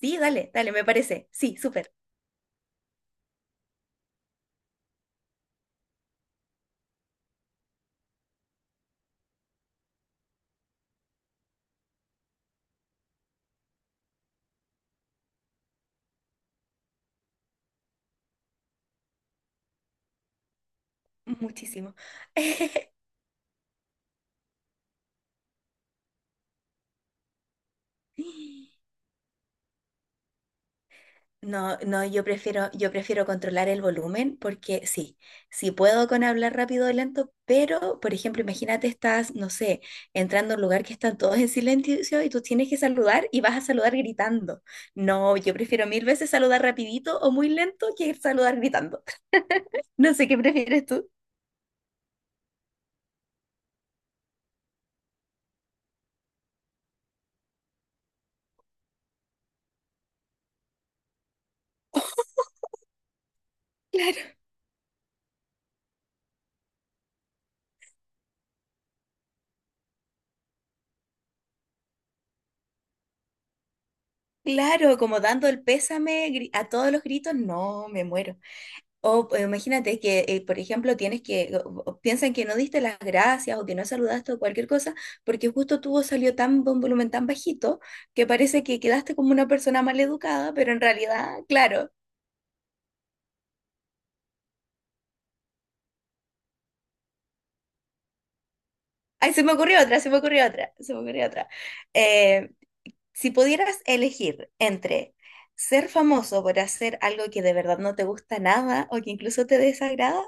Sí, dale, dale, me parece. Sí, súper. Muchísimo. No, no, yo prefiero controlar el volumen porque sí, sí puedo con hablar rápido o lento, pero, por ejemplo, imagínate estás, no sé, entrando a un lugar que están todos en silencio y tú tienes que saludar y vas a saludar gritando. No, yo prefiero mil veces saludar rapidito o muy lento que saludar gritando. No sé qué prefieres tú. Claro, claro, como dando el pésame a todos los gritos, no, me muero. O Imagínate que, por ejemplo, tienes que, o piensan que no diste las gracias o que no saludaste o cualquier cosa, porque justo tu voz salió tan de un volumen tan bajito que parece que quedaste como una persona mal educada, pero en realidad, claro. Ay, se me ocurrió otra, se me ocurrió otra, se me ocurrió otra. Eh, si pudieras elegir entre ser famoso por hacer algo que de verdad no te gusta nada o que incluso te desagrada,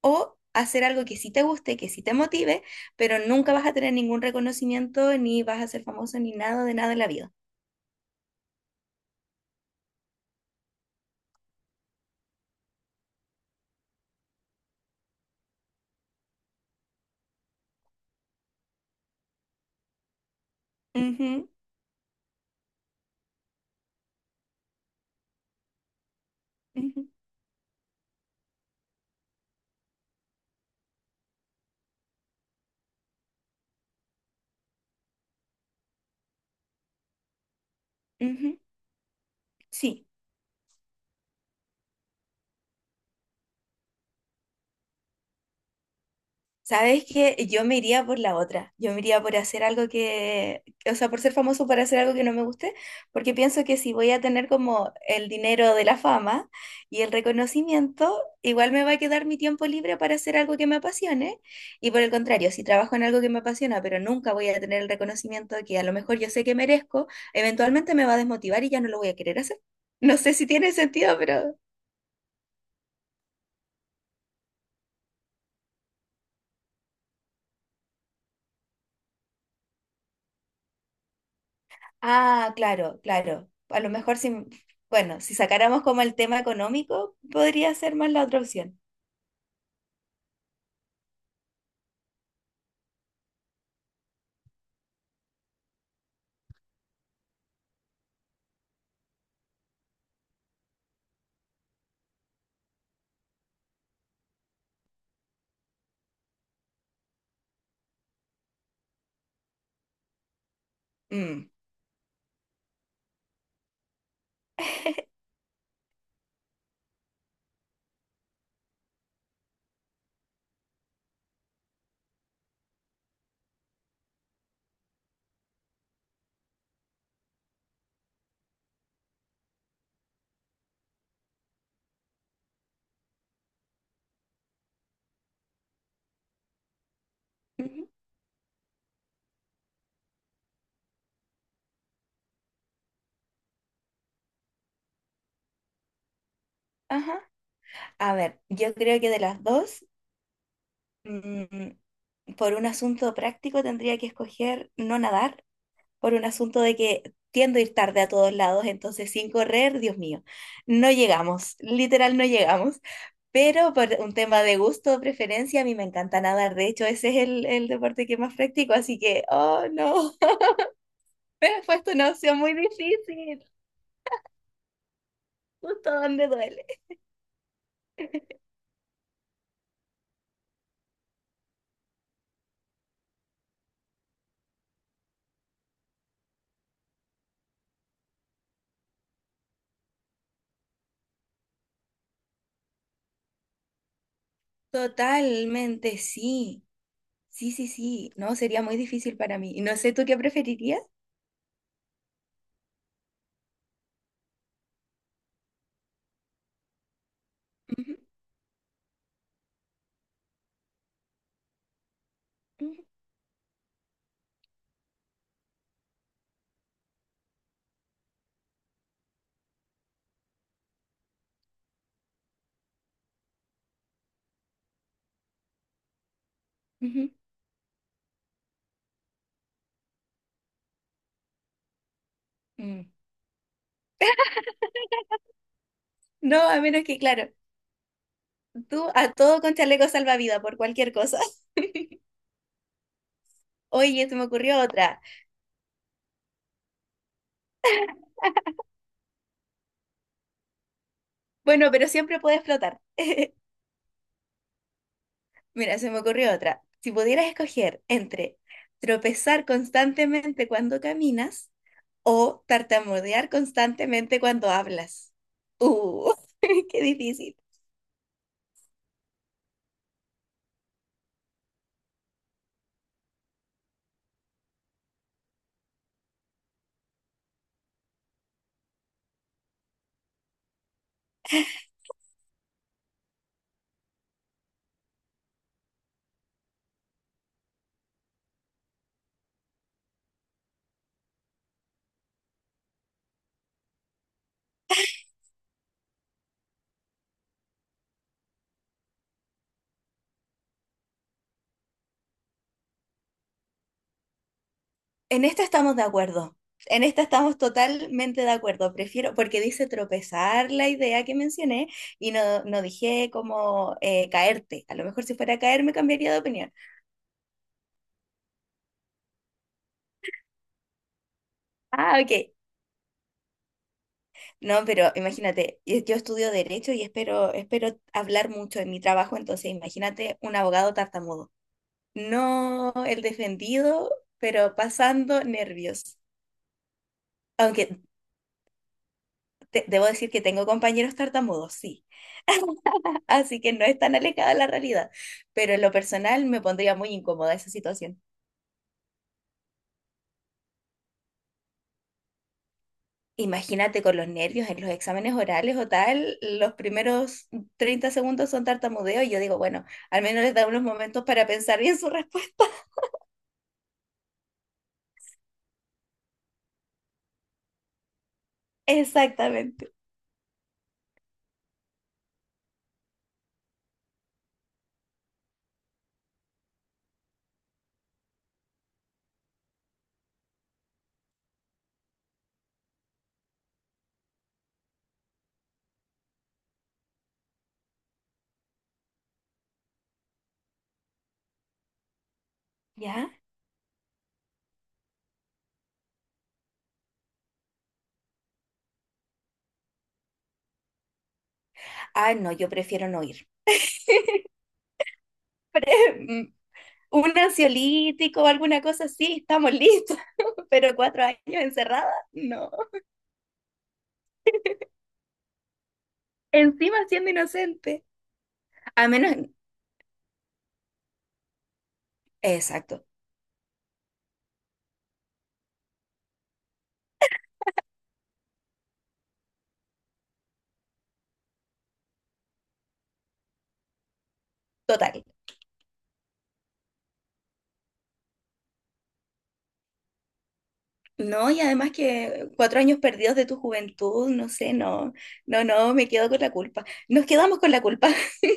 o hacer algo que sí te guste, que sí te motive, pero nunca vas a tener ningún reconocimiento, ni vas a ser famoso, ni nada de nada en la vida. Ujú, ujú, ujú. Sí. ¿Sabes qué? Yo me iría por la otra. Yo me iría por hacer algo que, o sea, por ser famoso para hacer algo que no me guste, porque pienso que si voy a tener como el dinero de la fama y el reconocimiento, igual me va a quedar mi tiempo libre para hacer algo que me apasione. Y por el contrario, si trabajo en algo que me apasiona, pero nunca voy a tener el reconocimiento que a lo mejor yo sé que merezco, eventualmente me va a desmotivar y ya no lo voy a querer hacer. No sé si tiene sentido, pero... Ah, claro, claro. A lo mejor si, bueno, si sacáramos como el tema económico, podría ser más la otra opción. Mm. Ujú. Ajá. A ver, yo creo que de las dos, mm, por un asunto práctico tendría que escoger no nadar, por un asunto de que tiendo a ir tarde a todos lados, entonces sin correr, Dios mío, no llegamos, literal no llegamos. Pero por un tema de gusto o preferencia, a mí me encanta nadar. De hecho, ese es el deporte que más practico, así que, oh no. Pero fue una opción muy difícil, justo donde duele. Totalmente, sí. Sí, sí, sí. No, sería muy difícil para mí. Y no sé, ¿tú qué preferirías? Ujú, ujú, ujú, mm. No, a menos que, claro, tú a todo con chaleco salvavidas por cualquier cosa. Oye, se me ocurrió otra. Bueno, pero siempre puedes flotar. Mira, se me ocurrió otra. Si pudieras escoger entre tropezar constantemente cuando caminas o tartamudear constantemente cuando hablas. Uh, qué difícil. En esta estamos de acuerdo. En esta estamos totalmente de acuerdo. Prefiero, porque dice tropezar la idea que mencioné y no, no dije como caerte. A lo mejor si fuera a caer me cambiaría de opinión. Ah, ok. No, pero imagínate, yo estudio derecho y espero hablar mucho en mi trabajo, entonces imagínate un abogado tartamudo. No el defendido, pero pasando nervios. Aunque debo decir que tengo compañeros tartamudos, sí, así que no es tan alejada la realidad, pero en lo personal me pondría muy incómoda esa situación. Imagínate con los nervios en los exámenes orales o tal, los primeros 30 segundos son tartamudeo y yo digo, bueno, al menos les da unos momentos para pensar bien su respuesta. Exactamente. ¿Ya? Ah, no, yo prefiero no ir. Mm, un ansiolítico o alguna cosa así, estamos listos, pero 4 años encerrada, no. Encima siendo inocente. A menos, exacto, total. No, y además que 4 años perdidos de tu juventud, no sé, no, no, no, me quedo con la culpa. Nos quedamos con la culpa.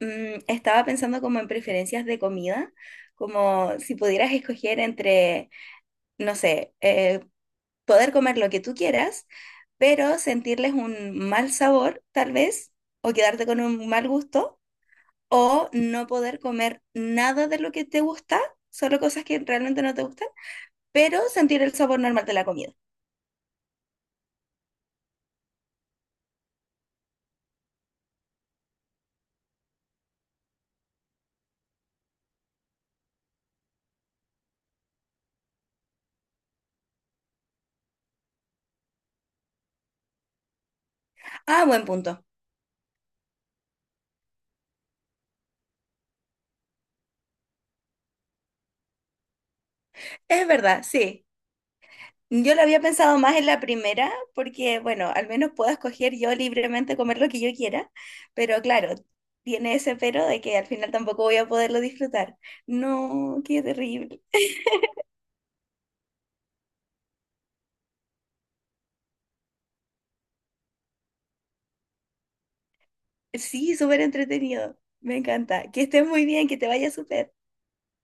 Mm, estaba pensando como en preferencias de comida, como si pudieras escoger entre, no sé, poder comer lo que tú quieras, pero sentirles un mal sabor, tal vez, o quedarte con un mal gusto, o no poder comer nada de lo que te gusta, solo cosas que realmente no te gustan, pero sentir el sabor normal de la comida. Ah, buen punto. Es verdad, sí. Yo lo había pensado más en la primera porque, bueno, al menos puedo escoger yo libremente comer lo que yo quiera, pero claro, tiene ese pero de que al final tampoco voy a poderlo disfrutar. No, qué terrible. Sí, súper entretenido. Me encanta. Que estés muy bien, que te vaya súper.